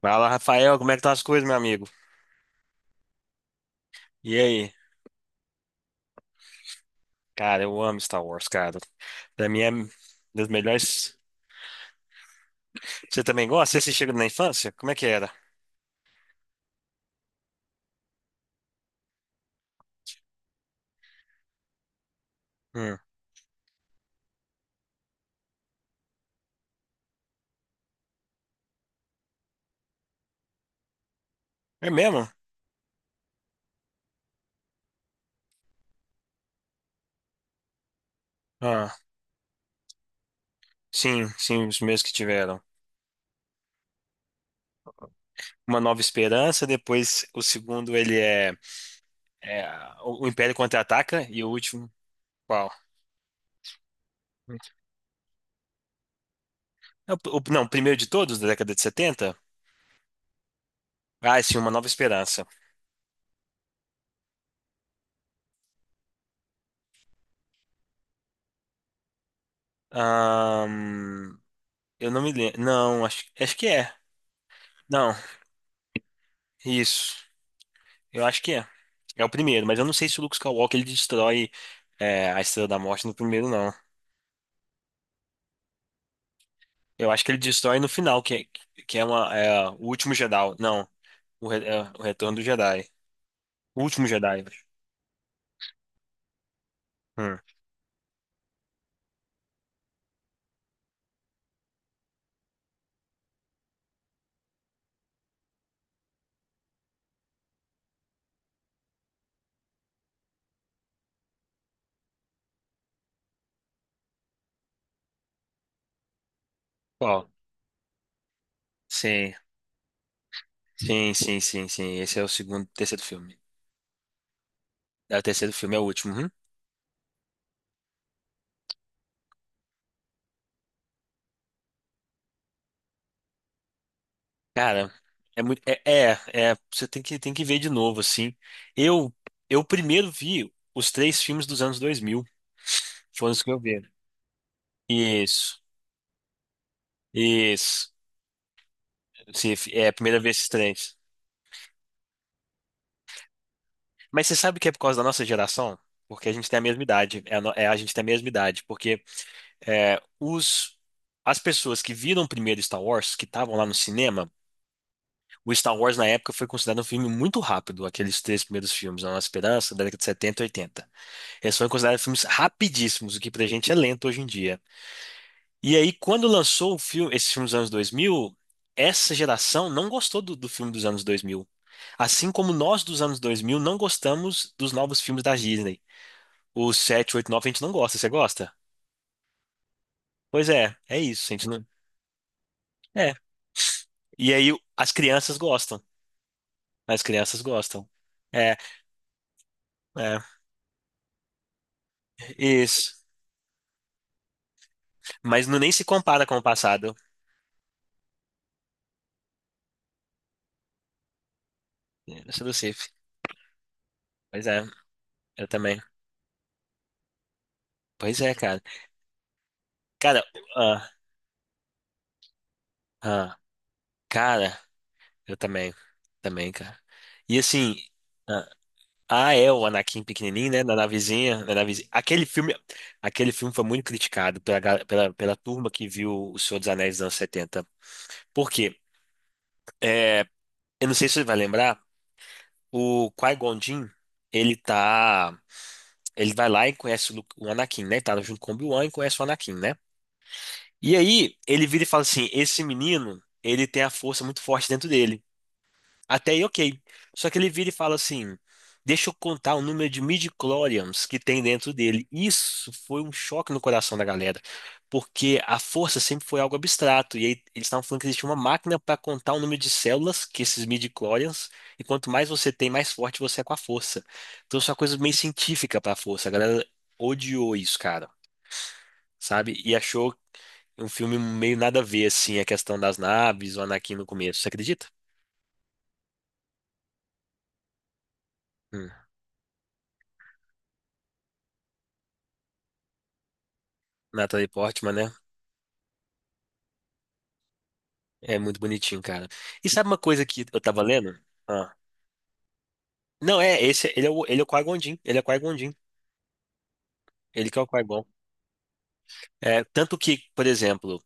Fala, Rafael, como é que tá as coisas, meu amigo? E aí? Cara, eu amo Star Wars, cara. Pra mim é um dos melhores. Você também gosta? Você assistiu na infância? Como é que era? Hum. É mesmo? Ah, sim, sim, os meus que tiveram. Uma Nova Esperança, depois o segundo ele é, o Império Contra-Ataca e o último, qual? É não, o primeiro de todos, da década de 70. Ah, sim, Uma Nova Esperança. Ahn, eu não me lembro. Não, acho que é. Não, isso. Eu acho que é. É o primeiro, mas eu não sei se o Luke Skywalker ele destrói a Estrela da Morte no primeiro, não. Eu acho que ele destrói no final, que, que é, é o último Jedi. Não, é o Retorno do Jedi. O último Jedi. Eu Hum. Qual? Sim, sim, sim, sim, sim. Esse é o segundo, terceiro filme. É o terceiro filme, é o último. Uhum. Cara, é muito. É, você tem que ver de novo, assim. Eu, eu primeiro vi os três filmes dos anos 2000. Foram os que eu vi. Isso. Isso. Se, é a primeira vez estranhos. Mas você sabe que é por causa da nossa geração? Porque a gente tem a mesma idade. É a, no- é, a gente tem a mesma idade. Porque é, os, as pessoas que viram primeiro Star Wars, que estavam lá no cinema, o Star Wars na época foi considerado um filme muito rápido. Aqueles três primeiros filmes, A Nossa Esperança, da década de 70 e 80, eles foram considerados filmes rapidíssimos, o que pra gente é lento hoje em dia. E aí, quando lançou o filme, esse filme dos anos 2000, essa geração não gostou do filme dos anos 2000. Assim como nós dos anos 2000 não gostamos dos novos filmes da Disney. Os 7 8 9 a gente não gosta. Você gosta? Pois é, é isso. A gente não... É. E aí, as crianças gostam. As crianças gostam. É, é. Isso. Mas não nem se compara com o passado. Eu sou do Cif. Pois é, eu também. Pois é, cara. Cara, ah, ah, cara. Eu também. Também, cara. E assim. Ah, o Anakin pequenininho, né? Na navezinha, na navezinha. Aquele filme foi muito criticado pela turma que viu O Senhor dos Anéis dos anos 70. Por quê? É, eu não sei se você vai lembrar, o Qui-Gon Jinn, ele tá. Ele vai lá e conhece o Anakin, né? Tá junto com o Obi-Wan e conhece o Anakin, né? E aí, ele vira e fala assim: esse menino, ele tem a força muito forte dentro dele. Até aí, ok. Só que ele vira e fala assim: deixa eu contar o número de midi-chlorians que tem dentro dele. Isso foi um choque no coração da galera, porque a força sempre foi algo abstrato. E aí eles estavam falando que existia uma máquina para contar o número de células, que esses midi-chlorians, e quanto mais você tem, mais forte você é com a força. Então isso é uma coisa meio científica para a força. A galera odiou isso, cara, sabe? E achou um filme meio nada a ver, assim, a questão das naves, o Anakin no começo. Você acredita? Hum. Natalie Portman, né? É muito bonitinho, cara. E sabe uma coisa que eu tava lendo? Ah. Não, é, esse, ele é o Qui-Gon Jinn, ele que é o Qui-Gon. É, tanto que, por exemplo,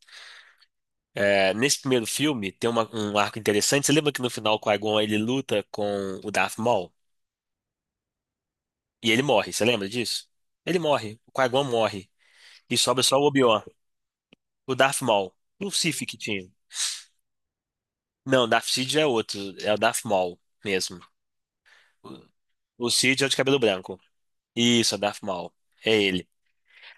nesse primeiro filme tem um arco interessante, você lembra que no final o Qui-Gon ele luta com o Darth Maul? E ele morre, você lembra disso? Ele morre, o Qui-Gon morre, e sobra só o Obi-Wan, o Darth Maul, o Sith que tinha. Não, Darth Sid é outro, é o Darth Maul mesmo. O o Sid é o de cabelo branco. Isso, é o Darth Maul. É ele.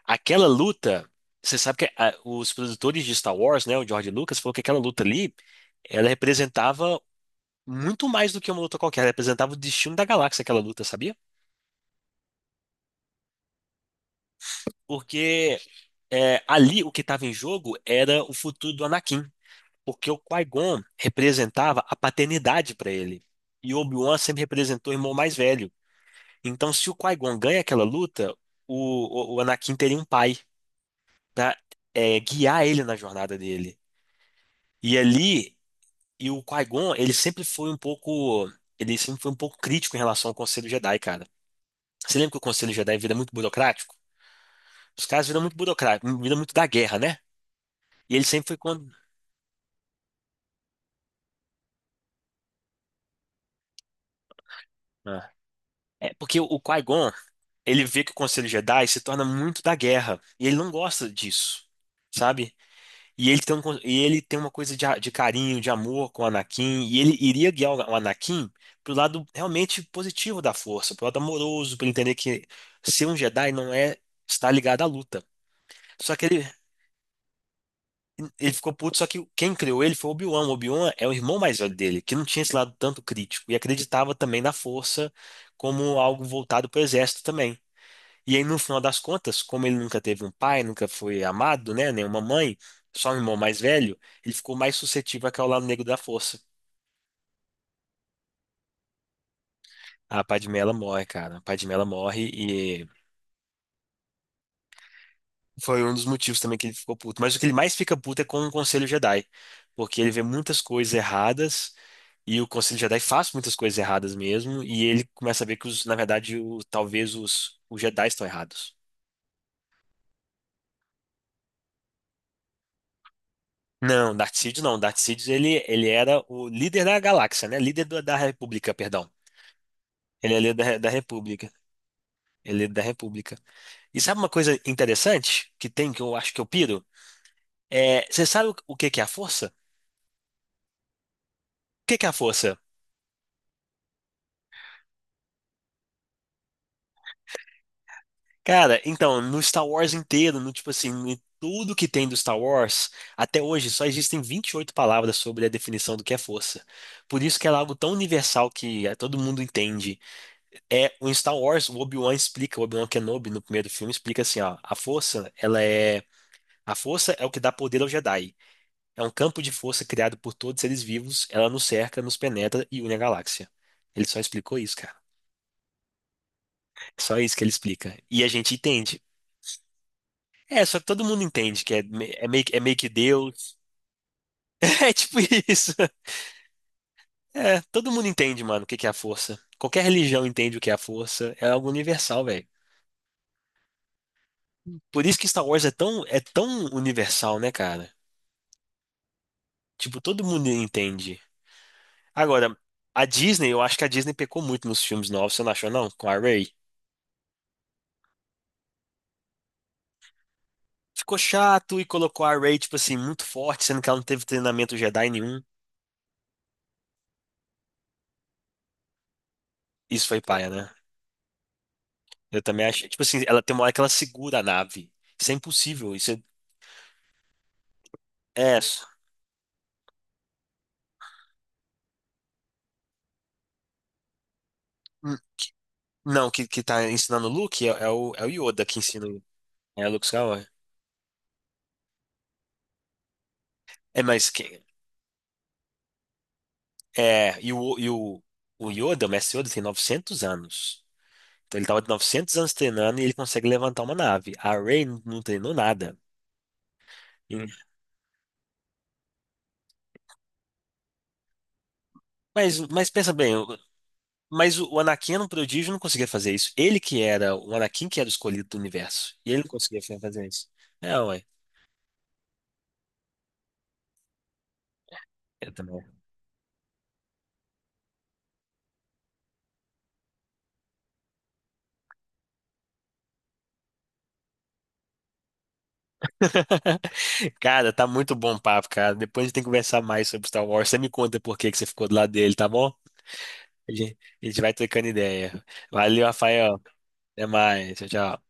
Aquela luta, você sabe que os produtores de Star Wars, né, o George Lucas, falou que aquela luta ali, ela representava muito mais do que uma luta qualquer, ela representava o destino da galáxia, aquela luta, sabia? Porque ali o que estava em jogo era o futuro do Anakin, porque o Qui-Gon representava a paternidade para ele, e o Obi-Wan sempre representou o irmão mais velho. Então, se o Qui-Gon ganha aquela luta, o Anakin teria um pai para guiar ele na jornada dele. E ali E o Qui-Gon, ele sempre foi um pouco, ele sempre foi um pouco crítico em relação ao Conselho Jedi, cara. Você lembra que o Conselho Jedi vira muito burocrático? Os caras viram muito burocrático, viram muito da guerra, né? E ele sempre foi quando. Ah. É porque o Qui-Gon, ele vê que o Conselho Jedi se torna muito da guerra, e ele não gosta disso, sabe? E ele tem uma coisa de, de carinho, de amor com o Anakin, e ele iria guiar o Anakin pro lado realmente positivo da força, pro lado amoroso, para ele entender que ser um Jedi não é estar ligado à luta. Só que ele ficou puto, só que quem criou ele foi o Obi-Wan. O Obi-Wan é o irmão mais velho dele, que não tinha esse lado tanto crítico, e acreditava também na força como algo voltado pro exército também. E aí, no final das contas, como ele nunca teve um pai, nunca foi amado, né, nem uma mãe, só um irmão mais velho, ele ficou mais suscetível ao lado negro da força. A Padmé, ela morre, cara. A Padmé, ela morre e foi um dos motivos também que ele ficou puto. Mas o que ele mais fica puto é com o Conselho Jedi, porque ele vê muitas coisas erradas e o Conselho Jedi faz muitas coisas erradas mesmo, e ele começa a ver que, na verdade, talvez os Jedi estão errados. Não, Darkseid não. Darkseid ele era o líder da galáxia, né? Líder da República, perdão. Ele é líder da República. Ele é líder da República. E sabe uma coisa interessante que tem que eu acho que eu piro? Você sabe o que que é a força? O que que é a força? Cara, então, no Star Wars inteiro, no tipo assim, em tudo que tem do Star Wars, até hoje só existem 28 palavras sobre a definição do que é força. Por isso que ela é algo tão universal que todo mundo entende. É, o Star Wars, o Obi-Wan explica, o Obi-Wan Kenobi no primeiro filme explica assim, ó, a força é o que dá poder ao Jedi. É um campo de força criado por todos os seres vivos, ela nos cerca, nos penetra e une a galáxia. Ele só explicou isso, cara. Só isso que ele explica. E a gente entende. É, só que todo mundo entende que é meio que Deus. É tipo isso. É, todo mundo entende, mano, o que que é a força. Qualquer religião entende o que é a força. É algo universal, velho. Por isso que Star Wars é tão, universal, né, cara? Tipo, todo mundo entende. Agora, a Disney, eu acho que a Disney pecou muito nos filmes novos, você não achou, não? Com a Rey. Ficou chato e colocou a Rey, tipo assim, muito forte, sendo que ela não teve treinamento Jedi nenhum. Isso foi paia, né? Eu também achei. Tipo assim, ela tem uma hora que ela segura a nave. Isso é impossível. Isso é. Hum. Não, que tá ensinando o Luke é, é o Yoda que ensina. É o Luke Skywalker. É, mas que. É, e o, e o, o mestre Yoda tem 900 anos. Então ele estava de 900 anos treinando e ele consegue levantar uma nave. A Rey não treinou nada. E- mas pensa bem, mas o Anakin era um prodígio, não conseguia fazer isso. Ele que era, o Anakin que era o escolhido do universo. E ele não conseguia fazer isso. É, ué. Eu também. Cara, tá muito bom o papo, cara. Depois a gente tem que conversar mais sobre Star Wars. Você me conta por que que você ficou do lado dele, tá bom? A gente, a gente vai trocando ideia. Valeu, Rafael. Até mais. Tchau, tchau.